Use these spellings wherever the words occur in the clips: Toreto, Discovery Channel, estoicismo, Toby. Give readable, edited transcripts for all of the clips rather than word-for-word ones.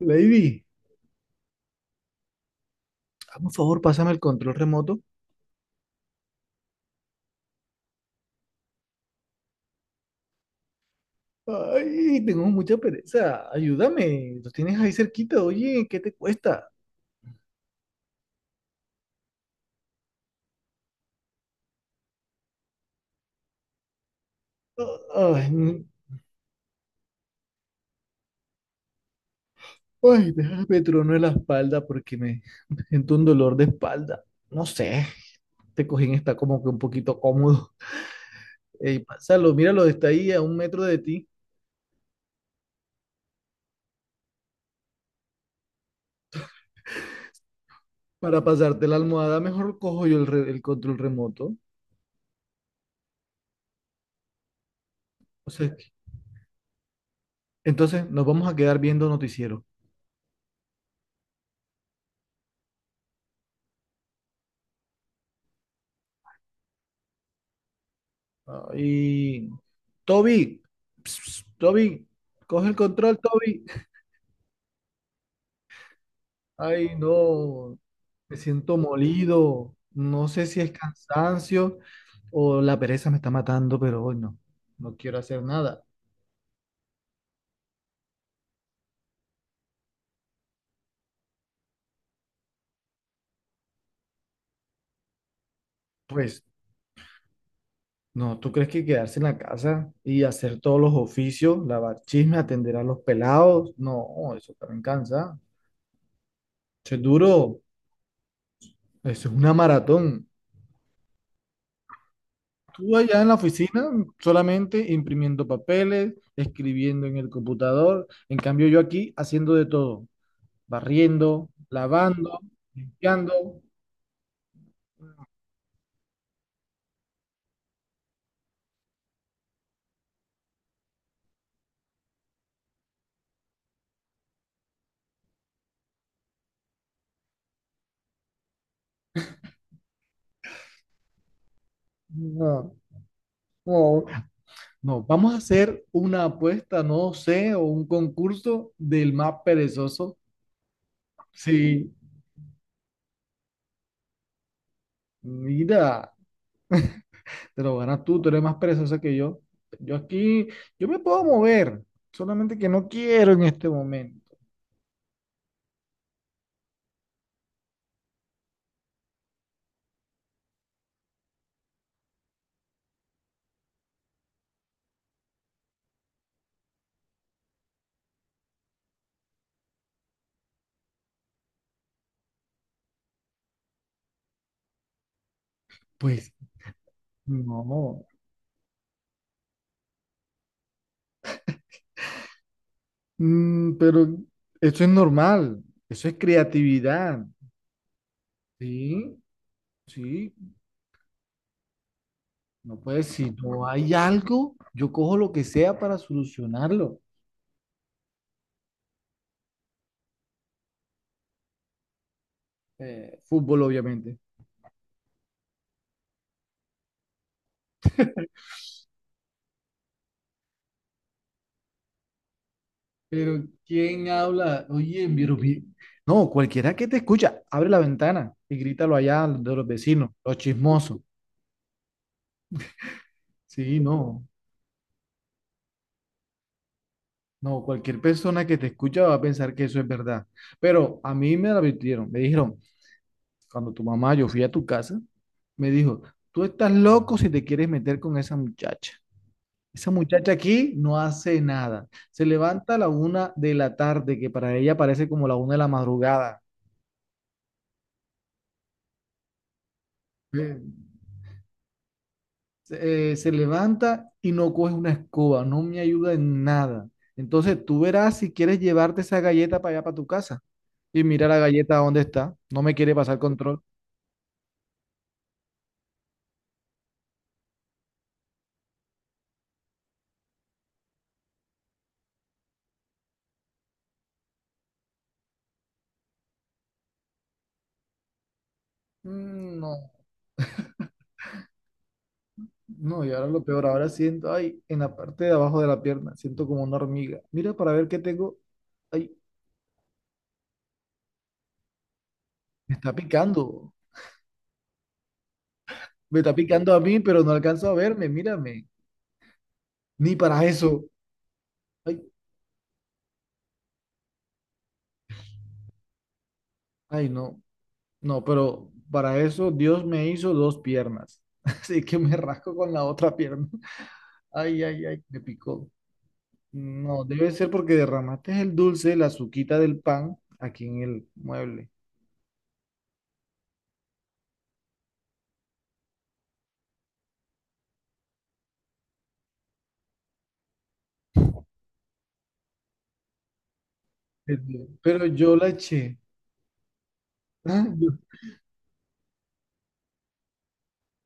Lady, hazme un favor, pásame el control remoto. Ay, tengo mucha pereza. Ayúdame. Lo tienes ahí cerquita. Oye, ¿qué te cuesta? Ay, ay, déjame trono en la espalda porque me siento un dolor de espalda. No sé, este cojín está como que un poquito cómodo. Ey, pásalo, míralo, está ahí a 1 metro de ti. Para pasarte la almohada, mejor cojo yo el control remoto. O sea, entonces nos vamos a quedar viendo noticiero. Y Toby, Ps, ps, Toby, coge el control, Toby. Ay, no, me siento molido. No sé si es cansancio o la pereza me está matando, pero hoy no, no quiero hacer nada. Pues, no, ¿tú crees que quedarse en la casa y hacer todos los oficios, lavar chisme, atender a los pelados? No, eso también cansa. Eso es duro, eso es una maratón. Tú allá en la oficina solamente imprimiendo papeles, escribiendo en el computador. En cambio, yo aquí haciendo de todo, barriendo, lavando, limpiando. No, no, no. Vamos a hacer una apuesta, no sé, o un concurso del más perezoso. Sí, mira, te lo ganas tú, tú eres más perezosa que yo. Yo aquí, yo me puedo mover, solamente que no quiero en este momento. Pues no. Pero eso es normal, eso es creatividad, ¿sí? Sí, no puede, si no hay algo, yo cojo lo que sea para solucionarlo. Fútbol, obviamente. ¿Pero quién habla? No, cualquiera que te escucha, abre la ventana y grítalo allá de los vecinos, los chismosos. Sí, no, no, cualquier persona que te escucha va a pensar que eso es verdad. Pero a mí me lo advirtieron, me dijeron. Cuando tu mamá, yo fui a tu casa, me dijo, tú estás loco si te quieres meter con esa muchacha. Esa muchacha aquí no hace nada. Se levanta a la una de la tarde, que para ella parece como la una de la madrugada. Eh, se levanta y no coge una escoba, no me ayuda en nada. Entonces tú verás si quieres llevarte esa galleta para allá, para tu casa. Y mira la galleta dónde está. No me quiere pasar control. No. No, y ahora lo peor, ahora siento, ay, en la parte de abajo de la pierna, siento como una hormiga. Mira para ver qué tengo. Ay, me está picando. Me está picando a mí, pero no alcanzo a verme, mírame. Ni para eso. Ay, ay, no. No, pero para eso Dios me hizo dos piernas. Así que me rasco con la otra pierna. Ay, ay, ay, me picó. No, debe ser porque derramaste el dulce, la azuquita del pan, aquí en el mueble. Pero yo la eché.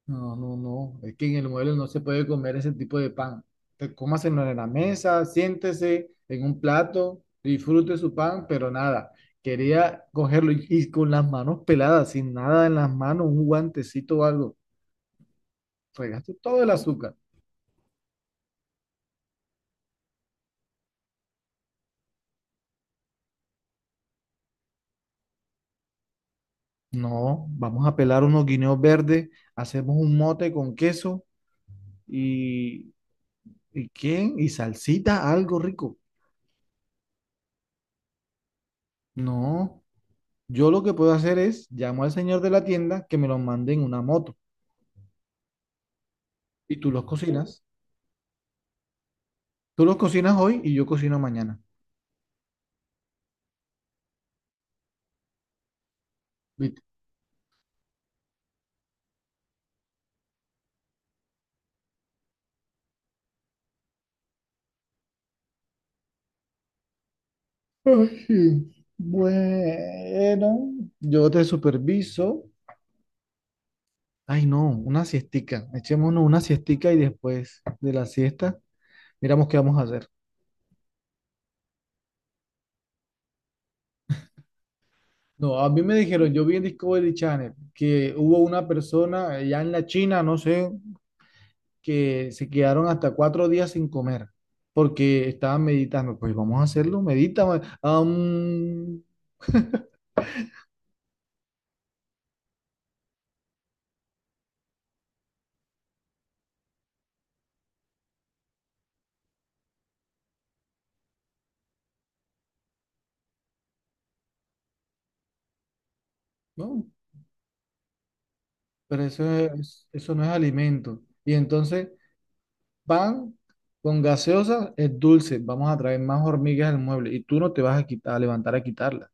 No, no, no. Es que en el mueble no se puede comer ese tipo de pan. Te- cómaselo en la mesa, siéntese en un plato, disfrute su pan, pero nada. Quería cogerlo y con las manos peladas, sin nada en las manos, un guantecito o algo. Fregaste todo el azúcar. No, vamos a pelar unos guineos verdes, hacemos un mote con queso y, ¿y qué? Y salsita, algo rico. No, yo lo que puedo hacer es llamo al señor de la tienda que me lo mande en una moto. Y tú los cocinas. Tú los cocinas hoy y yo cocino mañana. ¿Viste? Ay, bueno, yo te superviso. Ay, no, una siestica. Echémonos una siestica y después de la siesta miramos qué vamos a hacer. No, a mí me dijeron, yo vi en Discovery Channel que hubo una persona allá en la China, no sé, que se quedaron hasta 4 días sin comer porque estaban meditando. Pues vamos a hacerlo, medita. Ma- am. ¿No? Pero eso es- eso no es alimento. Y entonces pan con gaseosa es dulce, vamos a traer más hormigas al mueble y tú no te vas a quitar, a levantar a quitarlas.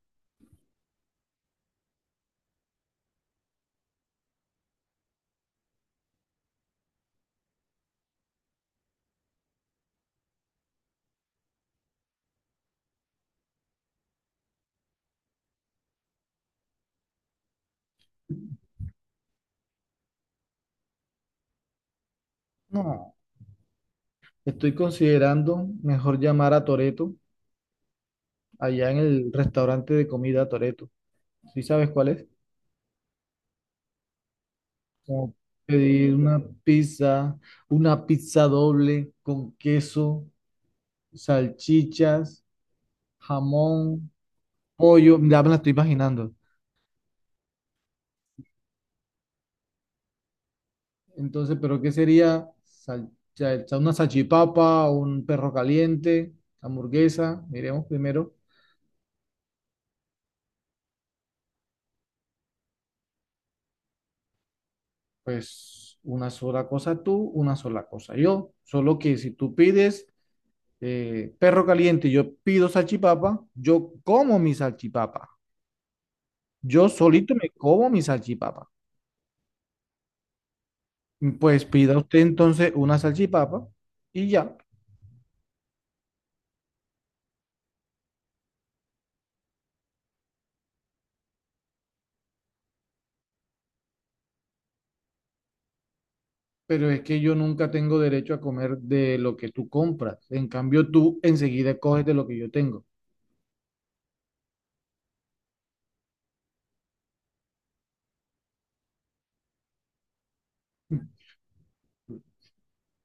No, estoy considerando mejor llamar a Toreto allá en el restaurante de comida Toreto. ¿Sí sabes cuál es? Como pedir una pizza doble con queso, salchichas, jamón, pollo, ya me la estoy imaginando. Entonces, ¿pero qué sería? Sal- cha- cha- una salchipapa, un perro caliente, hamburguesa, miremos primero. Pues una sola cosa tú, una sola cosa yo. Solo que si tú pides perro caliente, y yo pido salchipapa, yo como mi salchipapa. Yo solito me como mi salchipapa. Pues pida usted entonces una salchipapa y ya. Pero es que yo nunca tengo derecho a comer de lo que tú compras. En cambio, tú enseguida coges de lo que yo tengo.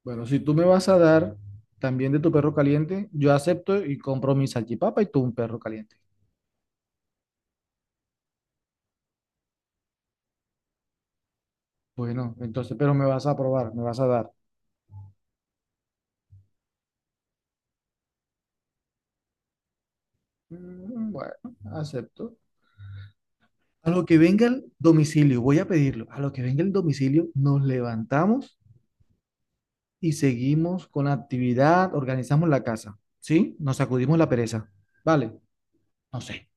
Bueno, si tú me vas a dar también de tu perro caliente, yo acepto y compro mi salchipapa y tú un perro caliente. Bueno, entonces, pero me vas a probar, me vas a dar. Bueno, acepto. A lo que venga el domicilio, voy a pedirlo. A lo que venga el domicilio, nos levantamos y seguimos con la actividad, organizamos la casa, ¿sí? Nos sacudimos la pereza. Vale, no sé.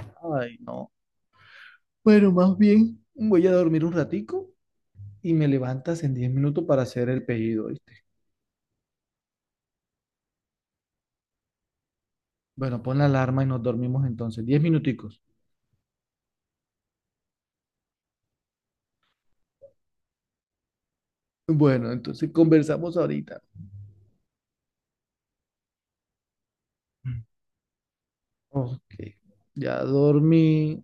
Ay, no. Bueno, más bien voy a dormir un ratico y me levantas en 10 minutos para hacer el pedido, ¿oíste? Bueno, pon la alarma y nos dormimos entonces. Diez minuticos. Bueno, entonces conversamos ahorita. Ok, ya dormí.